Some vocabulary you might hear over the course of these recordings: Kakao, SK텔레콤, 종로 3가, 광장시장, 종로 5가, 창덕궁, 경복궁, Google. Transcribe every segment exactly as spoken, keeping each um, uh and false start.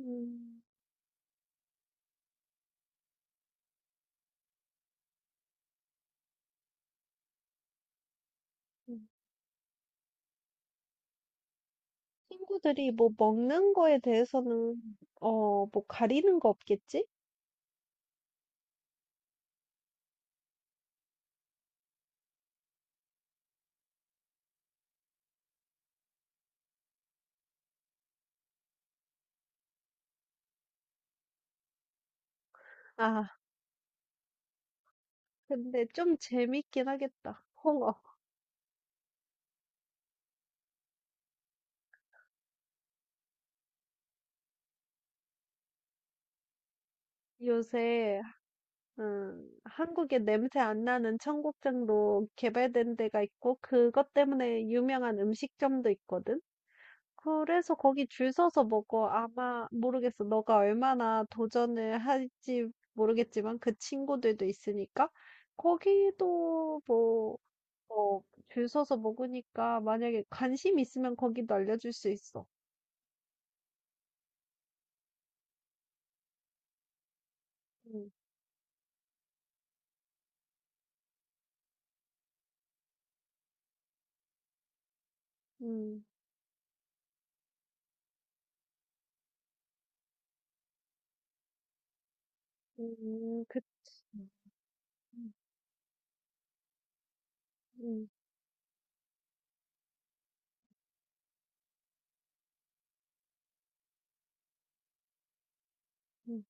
음. 음. 친구들이 뭐 먹는 거에 대해서는 어, 뭐 가리는 거 없겠지? 아, 근데 좀 재밌긴 하겠다. 홍어. 요새. 음, 한국에 냄새 안 나는 청국장도 개발된 데가 있고 그것 때문에 유명한 음식점도 있거든. 그래서 거기 줄 서서 먹어. 아마 모르겠어. 너가 얼마나 도전을 할지 모르겠지만 그 친구들도 있으니까 거기도 뭐 어, 줄 서서 먹으니까 만약에 관심 있으면 거기도 알려줄 수 있어. 음, 음, 음, 그치. 음, 음. 음.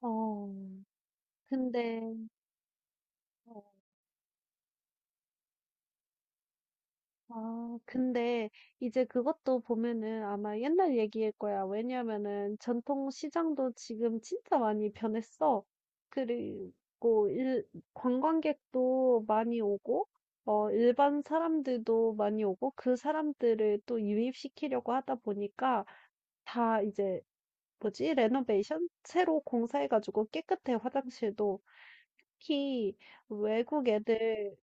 어, 근데, 아, 근데 이제 그것도 보면은 아마 옛날 얘기일 거야. 왜냐면은 전통 시장도 지금 진짜 많이 변했어. 그리고 일, 관광객도 많이 오고, 어, 일반 사람들도 많이 오고, 그 사람들을 또 유입시키려고 하다 보니까 다 이제 뭐지? 레노베이션? 새로 공사해가지고 깨끗해, 화장실도. 특히 외국 애들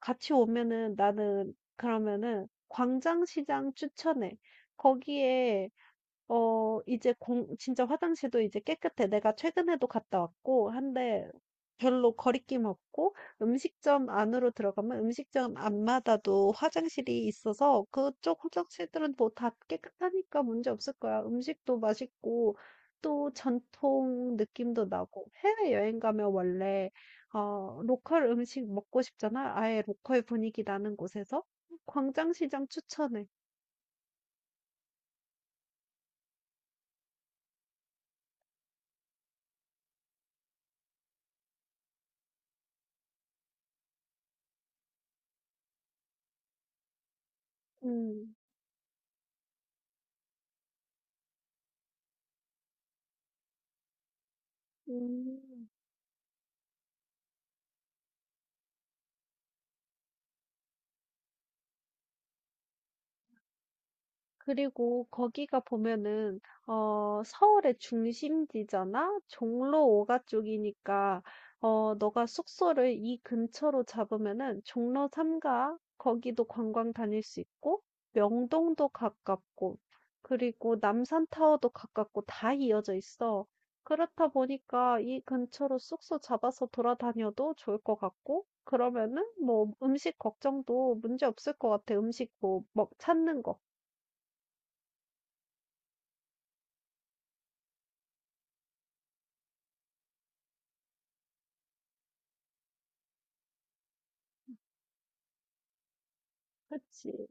같이 오면은 나는 그러면은 광장시장 추천해. 거기에 어 이제 공 진짜 화장실도 이제 깨끗해. 내가 최근에도 갔다 왔고 한데 별로 거리낌 없고 음식점 안으로 들어가면 음식점 앞마다도 화장실이 있어서 그쪽 화장실들은 뭐 다 깨끗하니까 문제 없을 거야. 음식도 맛있고 또 전통 느낌도 나고 해외여행 가면 원래 어 로컬 음식 먹고 싶잖아. 아예 로컬 분위기 나는 곳에서 광장시장 추천해. 음. 음. 그리고 거기가 보면은 어 서울의 중심지잖아. 종로 오 가 쪽이니까 어 너가 숙소를 이 근처로 잡으면은 종로 삼 가 거기도 관광 다닐 수 있고 명동도 가깝고 그리고 남산타워도 가깝고 다 이어져 있어. 그렇다 보니까 이 근처로 숙소 잡아서 돌아다녀도 좋을 것 같고 그러면은 뭐 음식 걱정도 문제 없을 것 같아. 음식 뭐 먹, 찾는 거. 그치?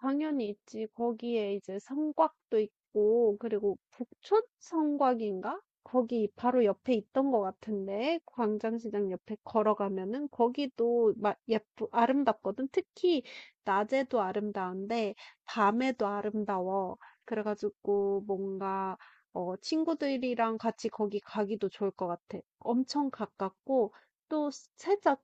당연히 있지. 거기에 이제 성곽도 있고, 그리고 북촌 성곽인가? 거기 바로 옆에 있던 것 같은데, 광장시장 옆에 걸어가면은 거기도 막 예쁘, 아름답거든. 특히 낮에도 아름다운데, 밤에도 아름다워. 그래가지고 뭔가, 어, 친구들이랑 같이 거기 가기도 좋을 것 같아. 엄청 가깝고, 또 살짝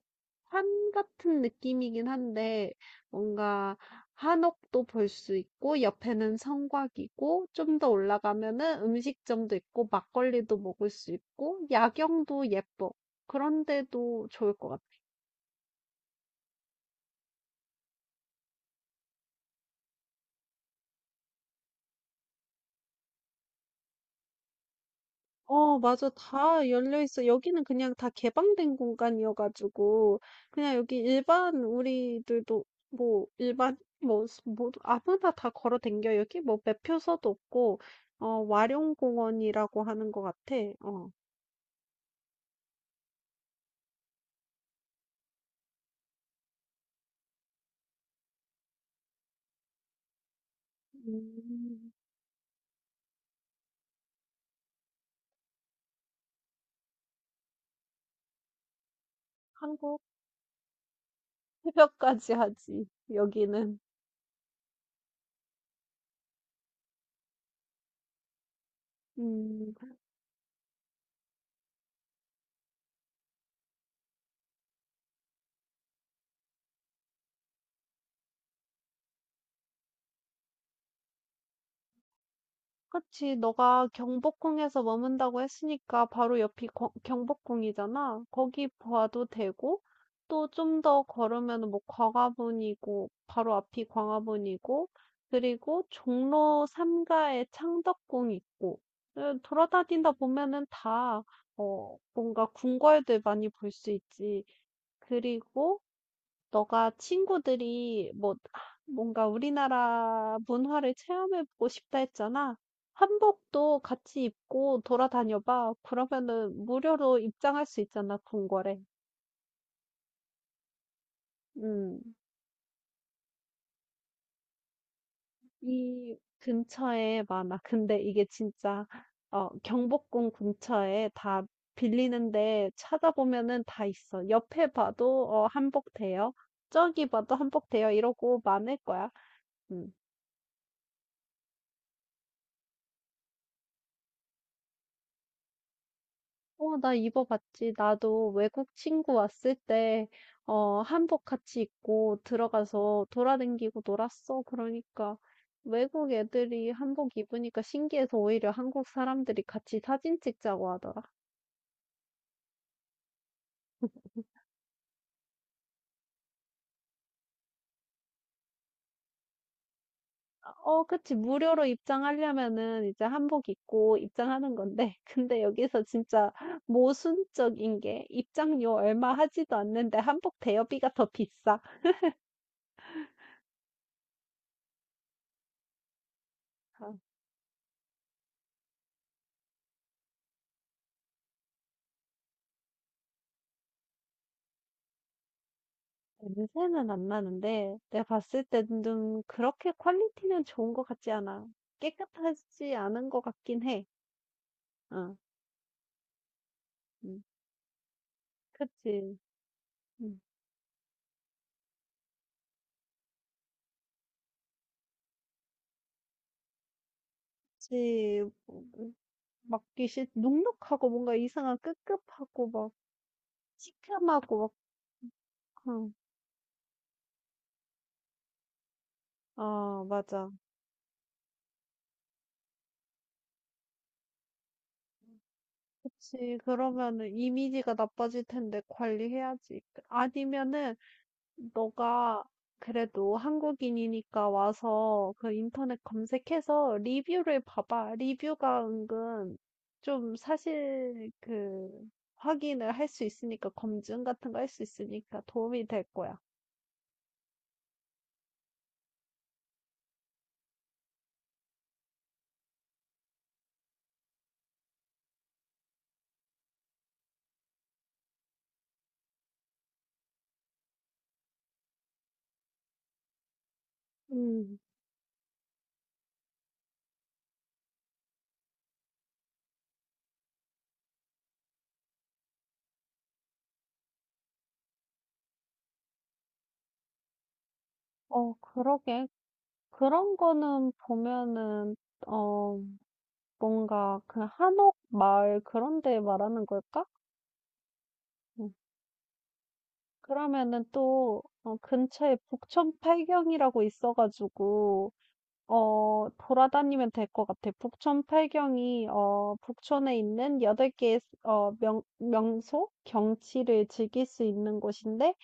산 같은 느낌이긴 한데, 뭔가, 한옥도 볼 수 있고 옆에는 성곽이고 좀 더 올라가면은 음식점도 있고 막걸리도 먹을 수 있고 야경도 예뻐. 그런데도 좋을 것 같아. 어, 맞아. 다 열려 있어. 여기는 그냥 다 개방된 공간이어가지고, 그냥 여기 일반, 우리들도, 뭐, 일반, 뭐, 스- 뭐, 아무나 다 걸어 댕겨. 여기 뭐, 매표소도 없고, 어, 와룡공원이라고 하는 것 같아. 어. 음, 한국 새벽까지 하지, 여기는. 음, 그치. 너가 경복궁에서 머문다고 했으니까 바로 옆이 거- 경복궁이잖아. 거기 봐도 되고, 또 좀 더 걸으면 뭐 광화문이고, 바로 앞이 광화문이고, 그리고 종로 삼 가에 창덕궁 있고, 에, 돌아다니다 보면은 다, 어, 뭔가 궁궐들 많이 볼 수 있지. 그리고 너가 친구들이 뭐 아, 뭔가 우리나라 문화를 체험해 보고 싶다 했잖아. 한복도 같이 입고 돌아다녀 봐. 그러면은 무료로 입장할 수 있잖아, 궁궐에. 음. 이 근처에 많아. 근데 이게 진짜 어, 경복궁 근처에 다 빌리는데 찾아보면은 다 있어. 옆에 봐도 어, 한복 돼요. 저기 봐도 한복 돼요. 이러고 많을 거야. 음. 어, 나 입어봤지. 나도 외국 친구 왔을 때, 어, 한복 같이 입고 들어가서 돌아다니고 놀았어. 그러니까 외국 애들이 한복 입으니까 신기해서 오히려 한국 사람들이 같이 사진 찍자고 하더라. 어, 그치. 무료로 입장하려면은 이제 한복 입고 입장하는 건데. 근데 여기서 진짜 모순적인 게 입장료 얼마 하지도 않는데 한복 대여비가 더 비싸. 냄새는 안 나는데 내가 봤을 때는 좀 그렇게 퀄리티는 좋은 것 같지 않아. 깨끗하지 않은 것 같긴 해. 어, 음, 그치. 음. 그치. 음, 맡기 싫, 눅눅하고 뭔가 이상한 끄급하고 막 시큼하고 막, 응. 아, 맞아. 그치. 그러면은 이미지가 나빠질 텐데 관리해야지. 아니면은 너가 그래도 한국인이니까 와서 그 인터넷 검색해서 리뷰를 봐봐. 리뷰가 은근 좀 사실 그 확인을 할 수 있으니까 검증 같은 거 할 수 있으니까 도움이 될 거야. 음, 어, 그러게. 그런 거는 보면은, 어, 뭔가 그 한옥 마을 그런 데 말하는 걸까? 음, 그러면은 또, 어, 근처에 북촌 팔경이라고 있어가지고, 어 돌아다니면 될 것 같아. 북촌 팔경이 어 북촌에 있는 여덟 개의 어 명, 명소, 경치를 즐길 수 있는 곳인데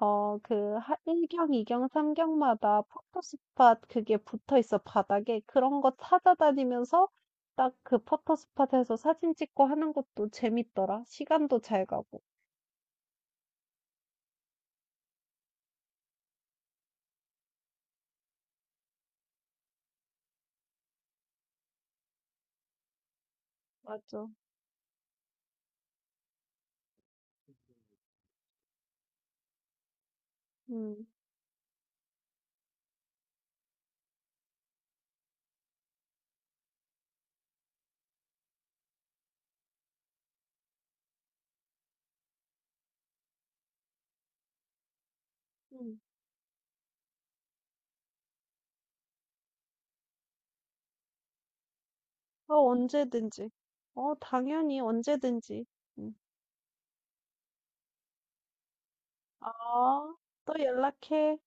어 그 일 경, 이 경, 삼 경마다 포토스팟 그게 붙어 있어 바닥에. 그런 거 찾아다니면서 딱 그 포토스팟에서 사진 찍고 하는 것도 재밌더라. 시간도 잘 가고. 맞아. 음. 음. 어 언제든지. 어 당연히 언제든지. 어, 또 연락해.